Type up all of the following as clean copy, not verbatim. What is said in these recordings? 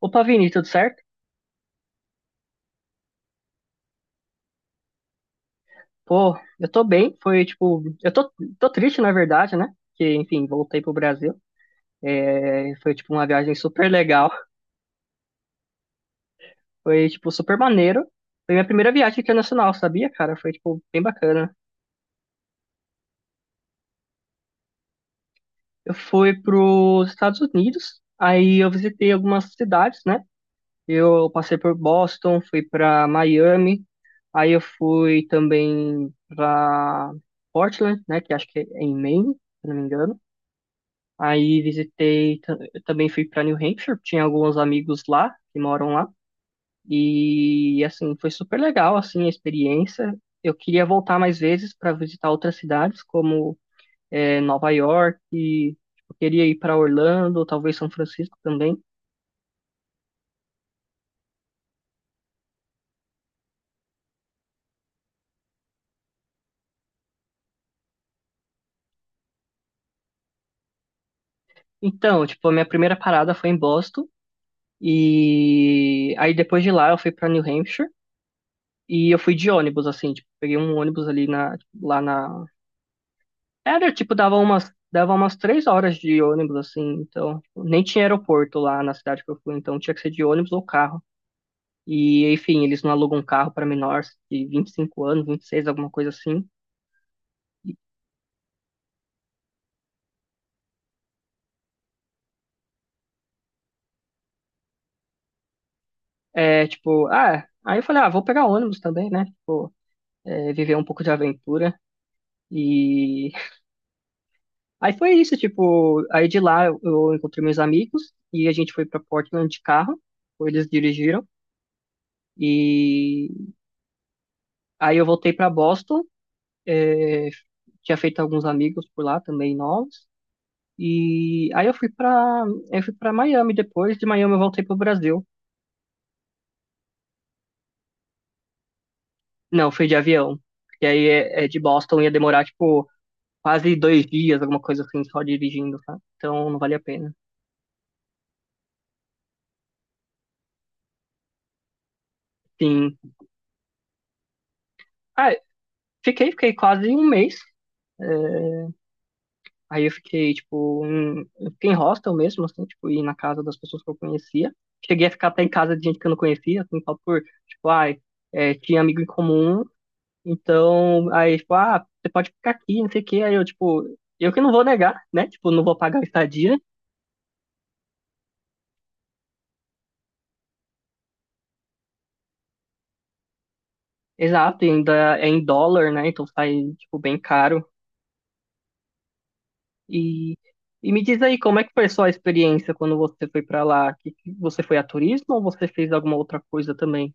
Opa, Vini, tudo certo? Pô, eu tô bem. Foi tipo, tô triste, na verdade, né? Que, enfim, voltei pro Brasil. É, foi tipo uma viagem super legal. Foi tipo super maneiro. Foi minha primeira viagem internacional, sabia, cara? Foi tipo bem bacana. Eu fui pros Estados Unidos. Aí eu visitei algumas cidades, né? Eu passei por Boston, fui pra Miami. Aí eu fui também pra Portland, né? Que acho que é em Maine, se não me engano. Aí eu também fui para New Hampshire, tinha alguns amigos lá que moram lá e assim foi super legal assim a experiência. Eu queria voltar mais vezes para visitar outras cidades como Nova York, e, tipo, eu queria ir para Orlando, talvez São Francisco também. Então, tipo, a minha primeira parada foi em Boston e aí depois de lá eu fui para New Hampshire e eu fui de ônibus assim, tipo, peguei um ônibus ali na lá na. Era, tipo, dava umas 3 horas de ônibus, assim, então, tipo, nem tinha aeroporto lá na cidade que eu fui, então tinha que ser de ônibus ou carro. E, enfim, eles não alugam um carro para menores de 25 anos, 26 alguma coisa assim. É, tipo, ah, aí eu falei, ah, vou pegar ônibus também, né? Tipo, viver um pouco de aventura. E aí foi isso, tipo, aí de lá eu encontrei meus amigos e a gente foi para Portland de carro, ou eles dirigiram. E aí eu voltei para Boston, é, tinha feito alguns amigos por lá também novos. E aí eu fui pra Miami depois, de Miami eu voltei pro Brasil. Não, fui de avião, porque aí é de Boston ia demorar, tipo, quase 2 dias, alguma coisa assim, só dirigindo, tá? Então não vale a pena. Sim. Ah, fiquei quase um mês. É, aí eu fiquei, tipo, em, eu fiquei em hostel mesmo, assim, tipo, ir na casa das pessoas que eu conhecia. Cheguei a ficar até em casa de gente que eu não conhecia, assim, só por, tipo, ai, tinha amigo em comum. Então, aí, tipo, ah, você pode ficar aqui, não sei o quê. Aí eu, tipo, eu que não vou negar, né? Tipo, não vou pagar a estadia. Exato, e ainda é em dólar, né? Então sai, tipo, bem caro. E, e me diz aí, como é que foi a sua experiência quando você foi pra lá? Você foi a turismo ou você fez alguma outra coisa também?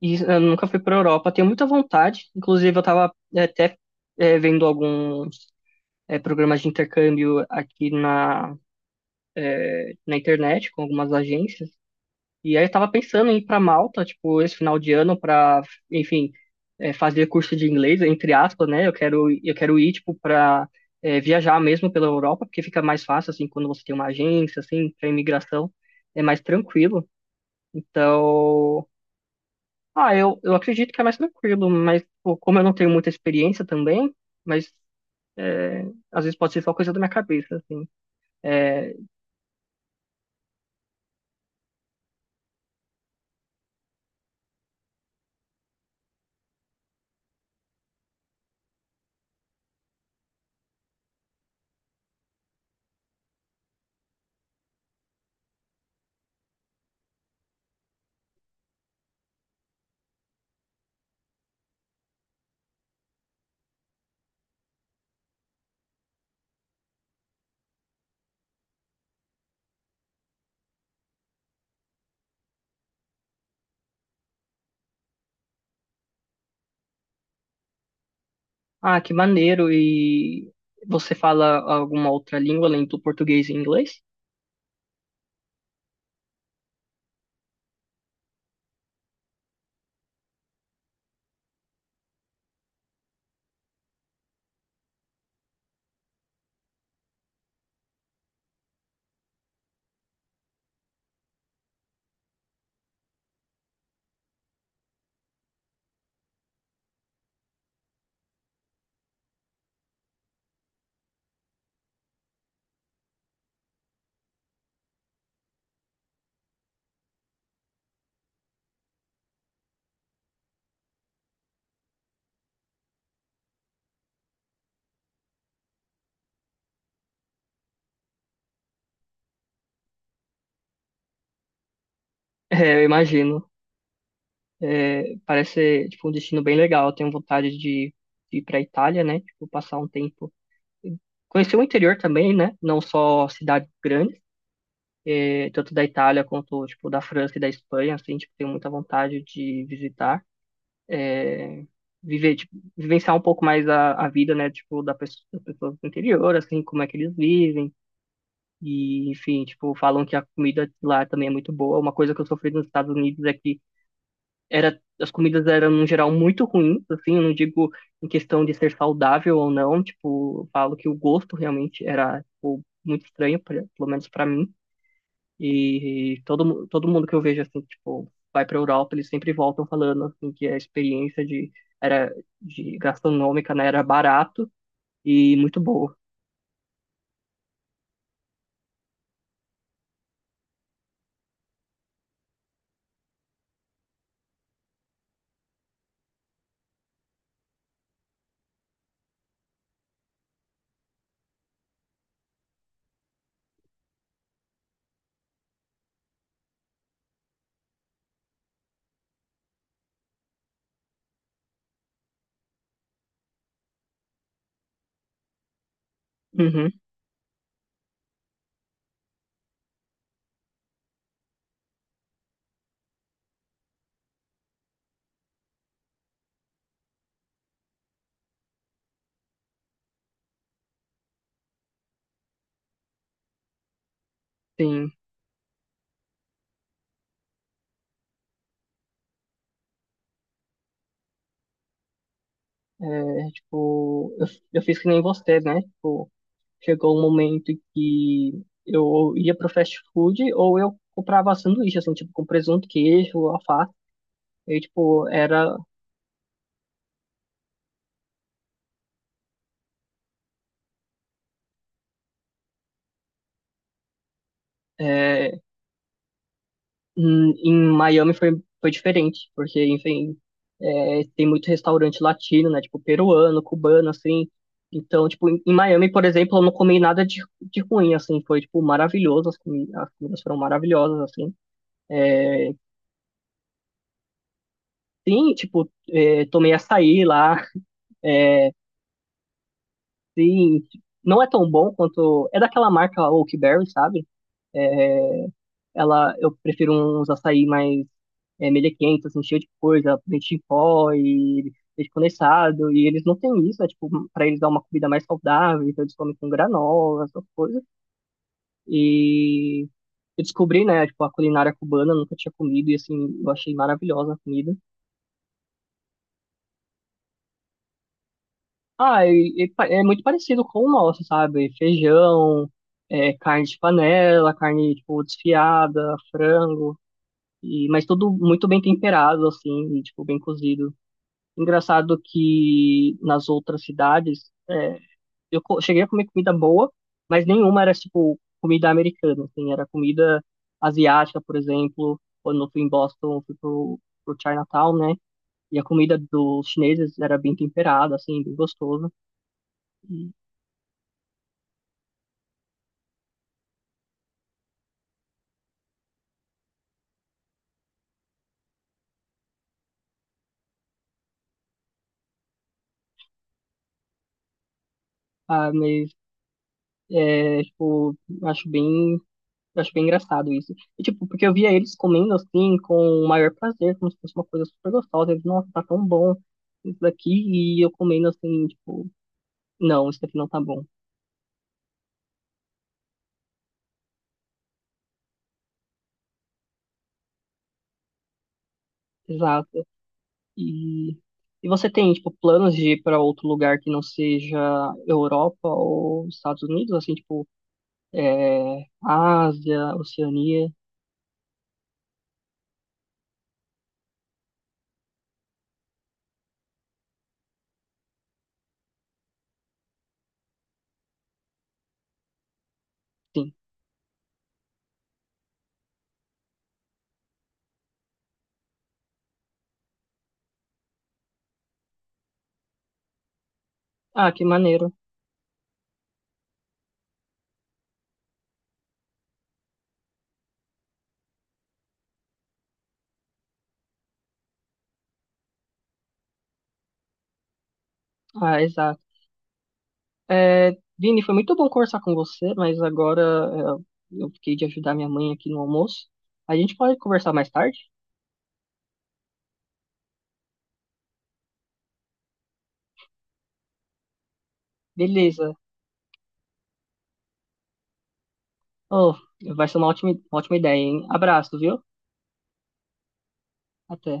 E eu nunca fui pra Europa, tenho muita vontade. Inclusive, eu tava até vendo alguns programas de intercâmbio aqui na internet com algumas agências. E aí eu tava pensando em ir pra Malta, tipo, esse final de ano pra, enfim, fazer curso de inglês, entre aspas, né? Eu quero ir, tipo, pra viajar mesmo pela Europa, porque fica mais fácil, assim, quando você tem uma agência, assim, pra imigração, é mais tranquilo. Então, ah, eu acredito que é mais tranquilo, mas pô, como eu não tenho muita experiência também, mas é, às vezes pode ser só coisa da minha cabeça, assim. É, Ah, que maneiro. E você fala alguma outra língua além do português e inglês? É, eu imagino. É, parece ser, tipo, um destino bem legal. Eu tenho vontade de ir para Itália, né? Tipo, passar um tempo. Conhecer o interior também, né? Não só cidades grandes, tanto da Itália quanto, tipo, da França e da Espanha, assim, tipo, tenho muita vontade de visitar. Viver, tipo, vivenciar um pouco mais a vida, né? Tipo, da pessoa, das pessoas do interior, assim, como é que eles vivem. E, enfim, tipo, falam que a comida lá também é muito boa. Uma coisa que eu sofri nos Estados Unidos é que era, as comidas eram, no geral, muito ruins, assim, eu não digo em questão de ser saudável ou não, tipo, eu falo que o gosto realmente era, tipo, muito estranho, pelo menos pra mim. E todo mundo que eu vejo, assim, tipo, vai pra Europa, eles sempre voltam falando, assim, que a experiência de, era, de gastronômica, né, era barato e muito boa. Uhum, sim. É, tipo, eu fiz que nem você, né? Tipo, chegou um momento que eu ia pro fast food ou eu comprava sanduíche, assim, tipo, com presunto, queijo, alface. E, tipo, era... é, em Miami foi diferente, porque, enfim, tem muito restaurante latino, né? Tipo, peruano, cubano, assim. Então, tipo, em Miami, por exemplo, eu não comi nada de ruim, assim. Foi, tipo, maravilhoso. As comidas foram maravilhosas, assim. É, sim, tipo, tomei açaí lá. É, sim, não é tão bom quanto. É daquela marca Oakberry, sabe? É, eu prefiro uns açaí mais melequento, assim, cheio de coisa, leite em pó e leite condensado. E eles não têm isso, é tipo, pra eles dar uma comida mais saudável, então eles comem com granola, essas coisas. E eu descobri, né, tipo, a culinária cubana, eu nunca tinha comido, e assim, eu achei maravilhosa a comida. Ah, e é muito parecido com o nosso, sabe? Feijão, carne de panela, carne, tipo, desfiada, frango, e, mas tudo muito bem temperado, assim, e, tipo, bem cozido. Engraçado que nas outras cidades, cheguei a comer comida boa, mas nenhuma era, tipo, comida americana, assim, era comida asiática, por exemplo. Quando eu fui em Boston, eu fui pro Chinatown, né? E a comida dos chineses era bem temperada, assim, bem gostosa. Ah, mas tipo, acho bem, acho bem engraçado isso. E, tipo, porque eu via eles comendo assim com o maior prazer, como se fosse uma coisa super gostosa. Eles, nossa, tá tão bom isso daqui, e eu comendo assim, tipo, não, isso daqui não tá bom. Exato. E, e você tem, tipo, planos de ir para outro lugar que não seja Europa ou Estados Unidos, assim, tipo, Ásia, Oceania, sim. Ah, que maneiro. Ah, exato. É, Vini, foi muito bom conversar com você, mas agora eu fiquei de ajudar minha mãe aqui no almoço. A gente pode conversar mais tarde? Beleza. Oh, vai ser uma ótima ideia, hein? Abraço, viu? Até.